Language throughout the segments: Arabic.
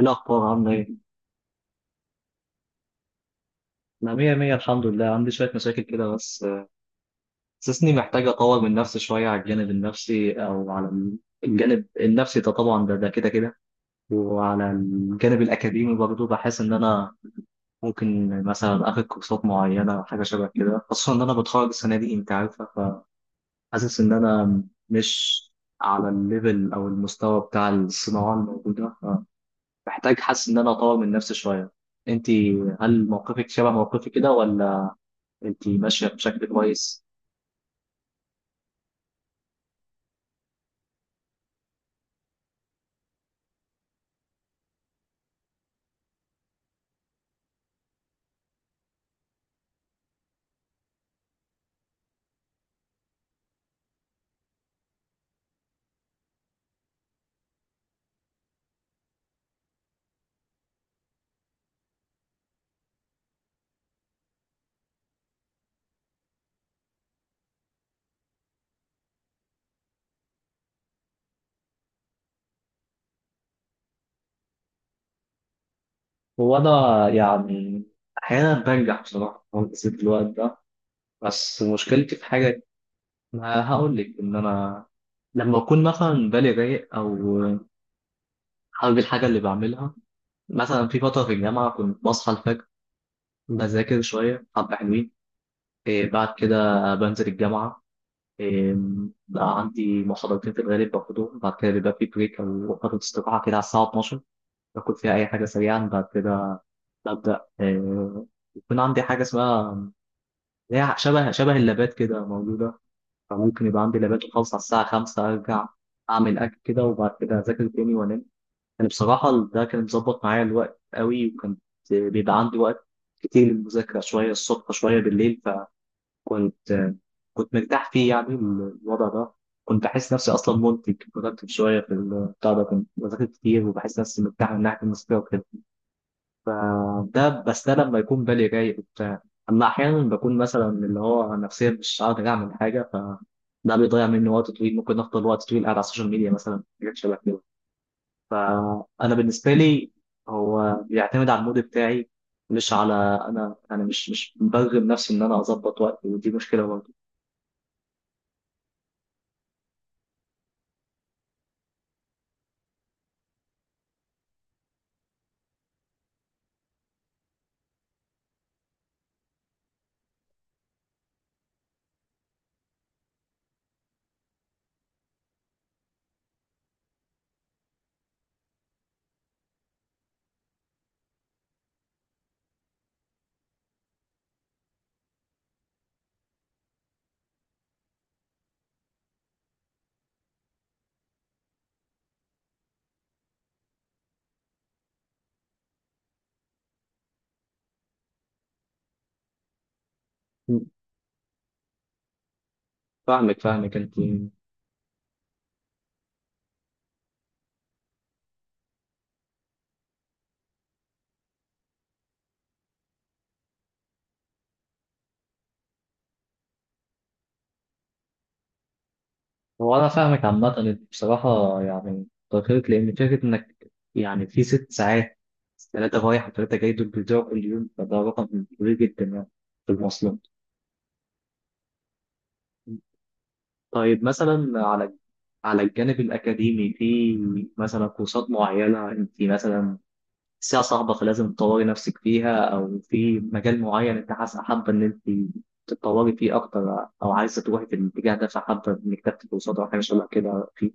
إيه الأخبار عاملة إيه؟ أنا مية مية، الحمد لله. عندي شوية مشاكل كده بس حاسسني محتاج أطور من نفسي شوية على الجانب النفسي ده. طبعا ده كده كده. وعلى الجانب الأكاديمي برضه بحس إن أنا ممكن مثلا آخد كورسات معينة أو حاجة شبه كده، خصوصا إن أنا بتخرج السنة دي، أنت عارفة. فحاسس إن أنا مش على الليفل أو المستوى بتاع الصناعة الموجودة، فمحتاج، حاسس إن أنا أطور من نفسي شوية. أنت، هل موقفك شبه موقفي كده ولا انت ماشيه بشكل كويس؟ وانا يعني احيانا بنجح بصراحه في تنظيم الوقت ده، بس مشكلتي في حاجه. ما هقول لك ان انا لما اكون مثلا بالي رايق او حابب الحاجه اللي بعملها، مثلا في فتره في الجامعه كنت بصحى الفجر، بذاكر شويه حبه حلوين، إيه بعد كده بنزل الجامعه، إيه بقى عندي محاضرتين في الغالب باخدهم. بعد كده بيبقى في بريك او فتره استراحه كده على الساعه 12، باكل فيها اي حاجه سريعا. بعد كده ببدأ يكون عندي حاجة اسمها، اللي هي شبه اللابات كده موجودة. فممكن يبقى عندي لابات، وخلص على الساعة 5 أرجع أعمل أكل كده، وبعد كده أذاكر تاني وأنام. يعني بصراحة ده كان مظبط معايا الوقت قوي، وكان بيبقى عندي وقت كتير للمذاكرة، شوية الصبح شوية بالليل. فكنت آه، كنت مرتاح فيه يعني الوضع ده. كنت بحس نفسي أصلا منتج productive شوية في البتاع ده، كنت بذاكر كتير وبحس نفسي مرتاح من ناحية المذاكرة وكده. ده بس ده لما يكون بالي رايق وبتاع. اما احيانا بكون مثلا اللي هو نفسيا مش قادر اعمل حاجه، فده بيضيع مني وقت طويل، ممكن افضل وقت طويل قاعد على السوشيال ميديا مثلا، حاجات شبه كده. فانا بالنسبه لي هو بيعتمد على المود بتاعي، مش على انا مش برغم نفسي ان انا اظبط وقتي، ودي مشكله برضه. فاهمك فاهمك انت. هو أنا فاهمك عامة، أنت بصراحة يعني تأخرت لأن فكرة إنك يعني في 6 ساعات، ثلاثة رايح وثلاثة جاي، دول بيضيعوا كل يوم، فده رقم كبير جدا يعني، في المواصلات. طيب مثلا على، على الجانب الأكاديمي، في مثلا كورسات معينة أنت مثلا ساعة صعبة فلازم تطوري نفسك فيها، أو في مجال معين أنت حاسة حابة إن أنت تتطوري فيه أكتر، أو عايزة تروحي في الاتجاه ده فحابة إنك تاخدي كورسات أو حاجة شبه كده فيه.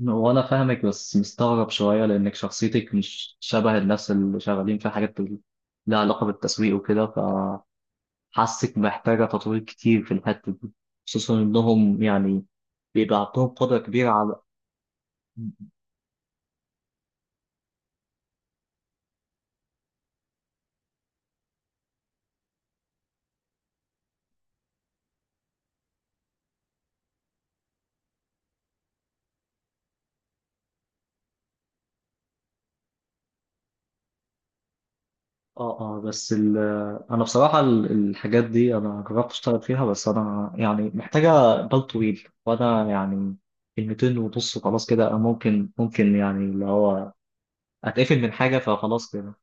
وانا فاهمك بس مستغرب شويه لانك شخصيتك مش شبه الناس اللي شغالين في حاجات لها علاقه بالتسويق وكده، فحاسك محتاجه تطوير كتير في الحته دي، خصوصا انهم يعني بيبقى عندهم قدره كبيره على. اه اه انا بصراحه الحاجات دي انا جربت اشتغل فيها، بس انا يعني محتاجه بال طويل، وانا يعني كلمتين ونص خلاص كده، أنا ممكن يعني اللي هو اتقفل من حاجه فخلاص كده.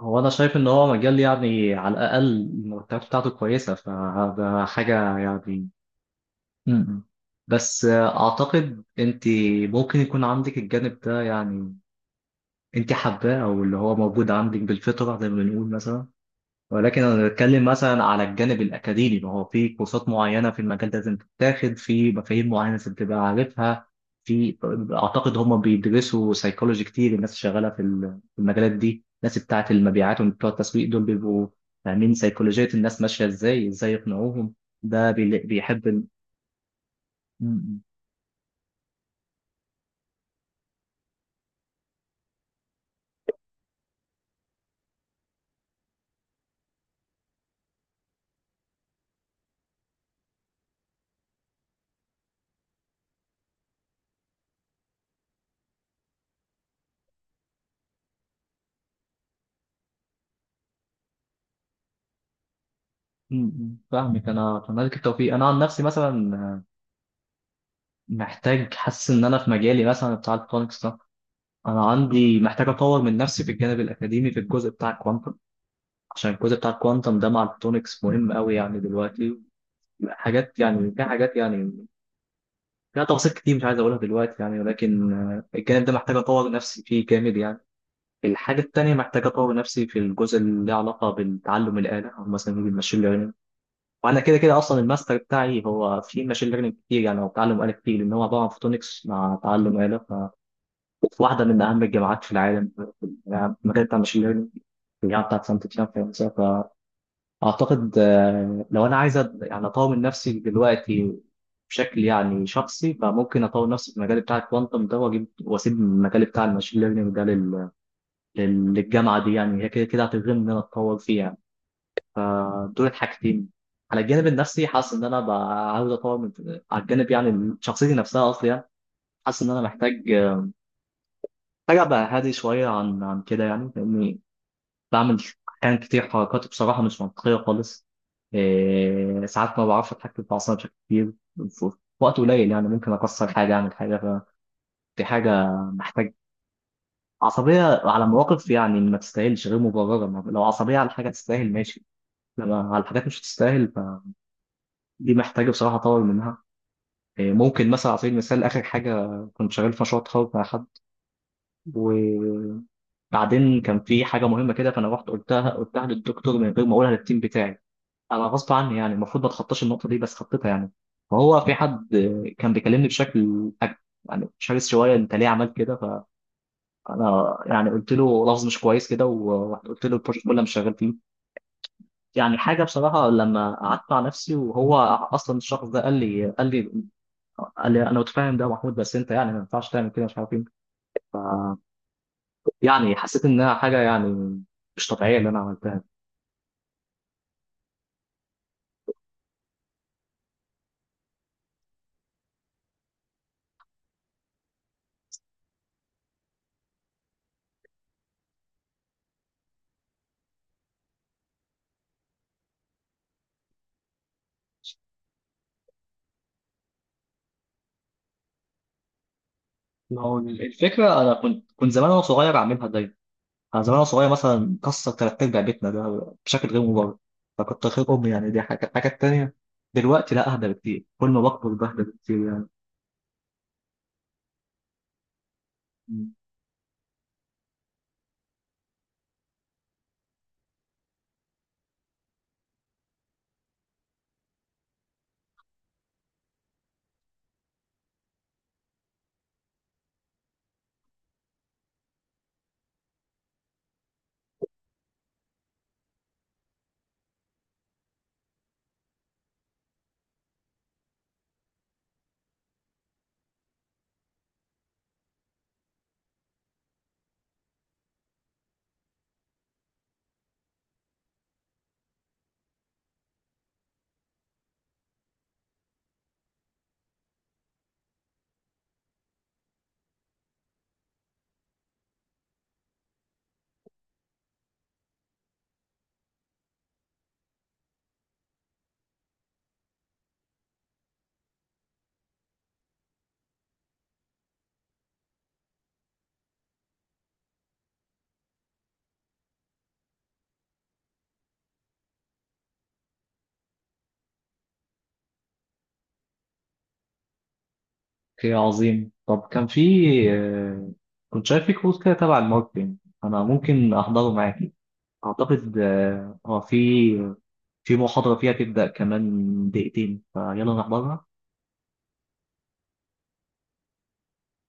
هو انا شايف ان هو مجال يعني على الاقل المرتبات بتاعته كويسه، فده حاجه يعني. م-م. بس اعتقد انت ممكن يكون عندك الجانب ده يعني، انت حباه او اللي هو موجود عندك بالفطره زي ما بنقول مثلا. ولكن انا بتكلم مثلا على الجانب الاكاديمي، ما هو في كورسات معينه في المجال ده لازم تتاخد، في مفاهيم معينه لازم تبقى عارفها. في، اعتقد هم بيدرسوا سيكولوجي كتير، الناس اللي شغاله في في المجالات دي، الناس بتاعه المبيعات وبتوع التسويق دول بيبقوا فاهمين سيكولوجيه الناس ماشيه ازاي، ازاي يقنعوهم. ده بيحب م- فاهمك. انا اتمنى لك التوفيق. انا عن نفسي مثلا محتاج، حاسس ان انا في مجالي مثلا بتاع الكترونكس، انا عندي محتاج اطور من نفسي في الجانب الاكاديمي في الجزء بتاع الكوانتم، عشان الجزء بتاع الكوانتم ده مع الفوتونكس مهم قوي يعني دلوقتي. حاجات يعني، في حاجات يعني فيها تفاصيل كتير مش عايز اقولها دلوقتي يعني، ولكن الجانب ده محتاج اطور نفسي فيه جامد يعني. الحاجه التانيه محتاج اطور نفسي في الجزء اللي له علاقه بالتعلم الاله او مثلا بالماشين ليرنينج. وانا كده كده اصلا الماستر بتاعي هو في ماشين ليرنينج كتير، يعني هو تعلم اله كتير، لان هو عباره عن فوتونكس مع تعلم اله، واحده من اهم الجامعات في العالم في المجال بتاع الماشين ليرنينج، الجامعه بتاعت سانت تيان فرنسا. فاعتقد لو انا عايز يعني اطور نفسي دلوقتي بشكل يعني شخصي، فممكن اطور نفسي في المجال بتاع الكوانتم ده واجيب، واسيب المجال بتاع الماشين ليرنينج ده للجامعه دي، يعني هي كده كده هتلزمني ان انا اتطور فيها يعني. فدول الحاجتين. على الجانب النفسي حاسس ان انا بقى عاوز اطور من، على الجانب يعني شخصيتي نفسها اصلا يعني. حاسس ان انا محتاج محتاج ابقى هادي شويه عن كده يعني، لاني بعمل أحيان كتير حركات بصراحة مش منطقية خالص. إيه ساعات ما بعرفش أتحكم في أعصابي بشكل كبير. في وقت قليل يعني ممكن أكسر حاجة، أعمل حاجة. فدي حاجة محتاج، عصبية على مواقف يعني ما تستاهلش، غير مبررة، لو عصبية على حاجة تستاهل ماشي، لما على حاجات مش تستاهل فدي محتاجة بصراحة أطور منها. إيه، ممكن مثلا على سبيل المثال آخر حاجة، كنت شغال في مشروع تخرج مع حد، وبعدين كان في حاجة مهمة كده، فأنا رحت قلتها للدكتور من غير ما أقولها للتيم بتاعي، انا غصب عني يعني، المفروض ما اتخطاش النقطه دي بس خطيتها يعني. فهو في حد كان بيكلمني بشكل يعني شرس شويه، انت ليه عملت كده؟ فانا يعني قلت له لفظ مش كويس كده، وقلت له البروجكت كله مش شغال فيه، يعني حاجه بصراحه، لما قعدت مع نفسي. وهو اصلا الشخص ده قال لي انا متفاهم ده يا محمود، بس انت يعني ما ينفعش تعمل كده، مش عارف ايه. يعني حسيت انها حاجه يعني مش طبيعيه اللي انا عملتها. ما هو الفكره، انا كنت زمان وانا صغير اعملها دايما. انا زمان وأنا صغير مثلا كسر تلات ارباع بيتنا ده بشكل غير مبرر، فكنت خير امي يعني، دي حاجه. الحاجه التانيه، دلوقتي لا، اهدى بكتير، كل ما بكبر بهدى بكتير يعني. مم. اوكي عظيم. طب كان في آه، كنت شايف في كورس كده تبع الماركتينج، انا ممكن احضره معاكي. اعتقد اه في محاضره فيها تبدا كمان دقيقتين، فيلا نحضرها.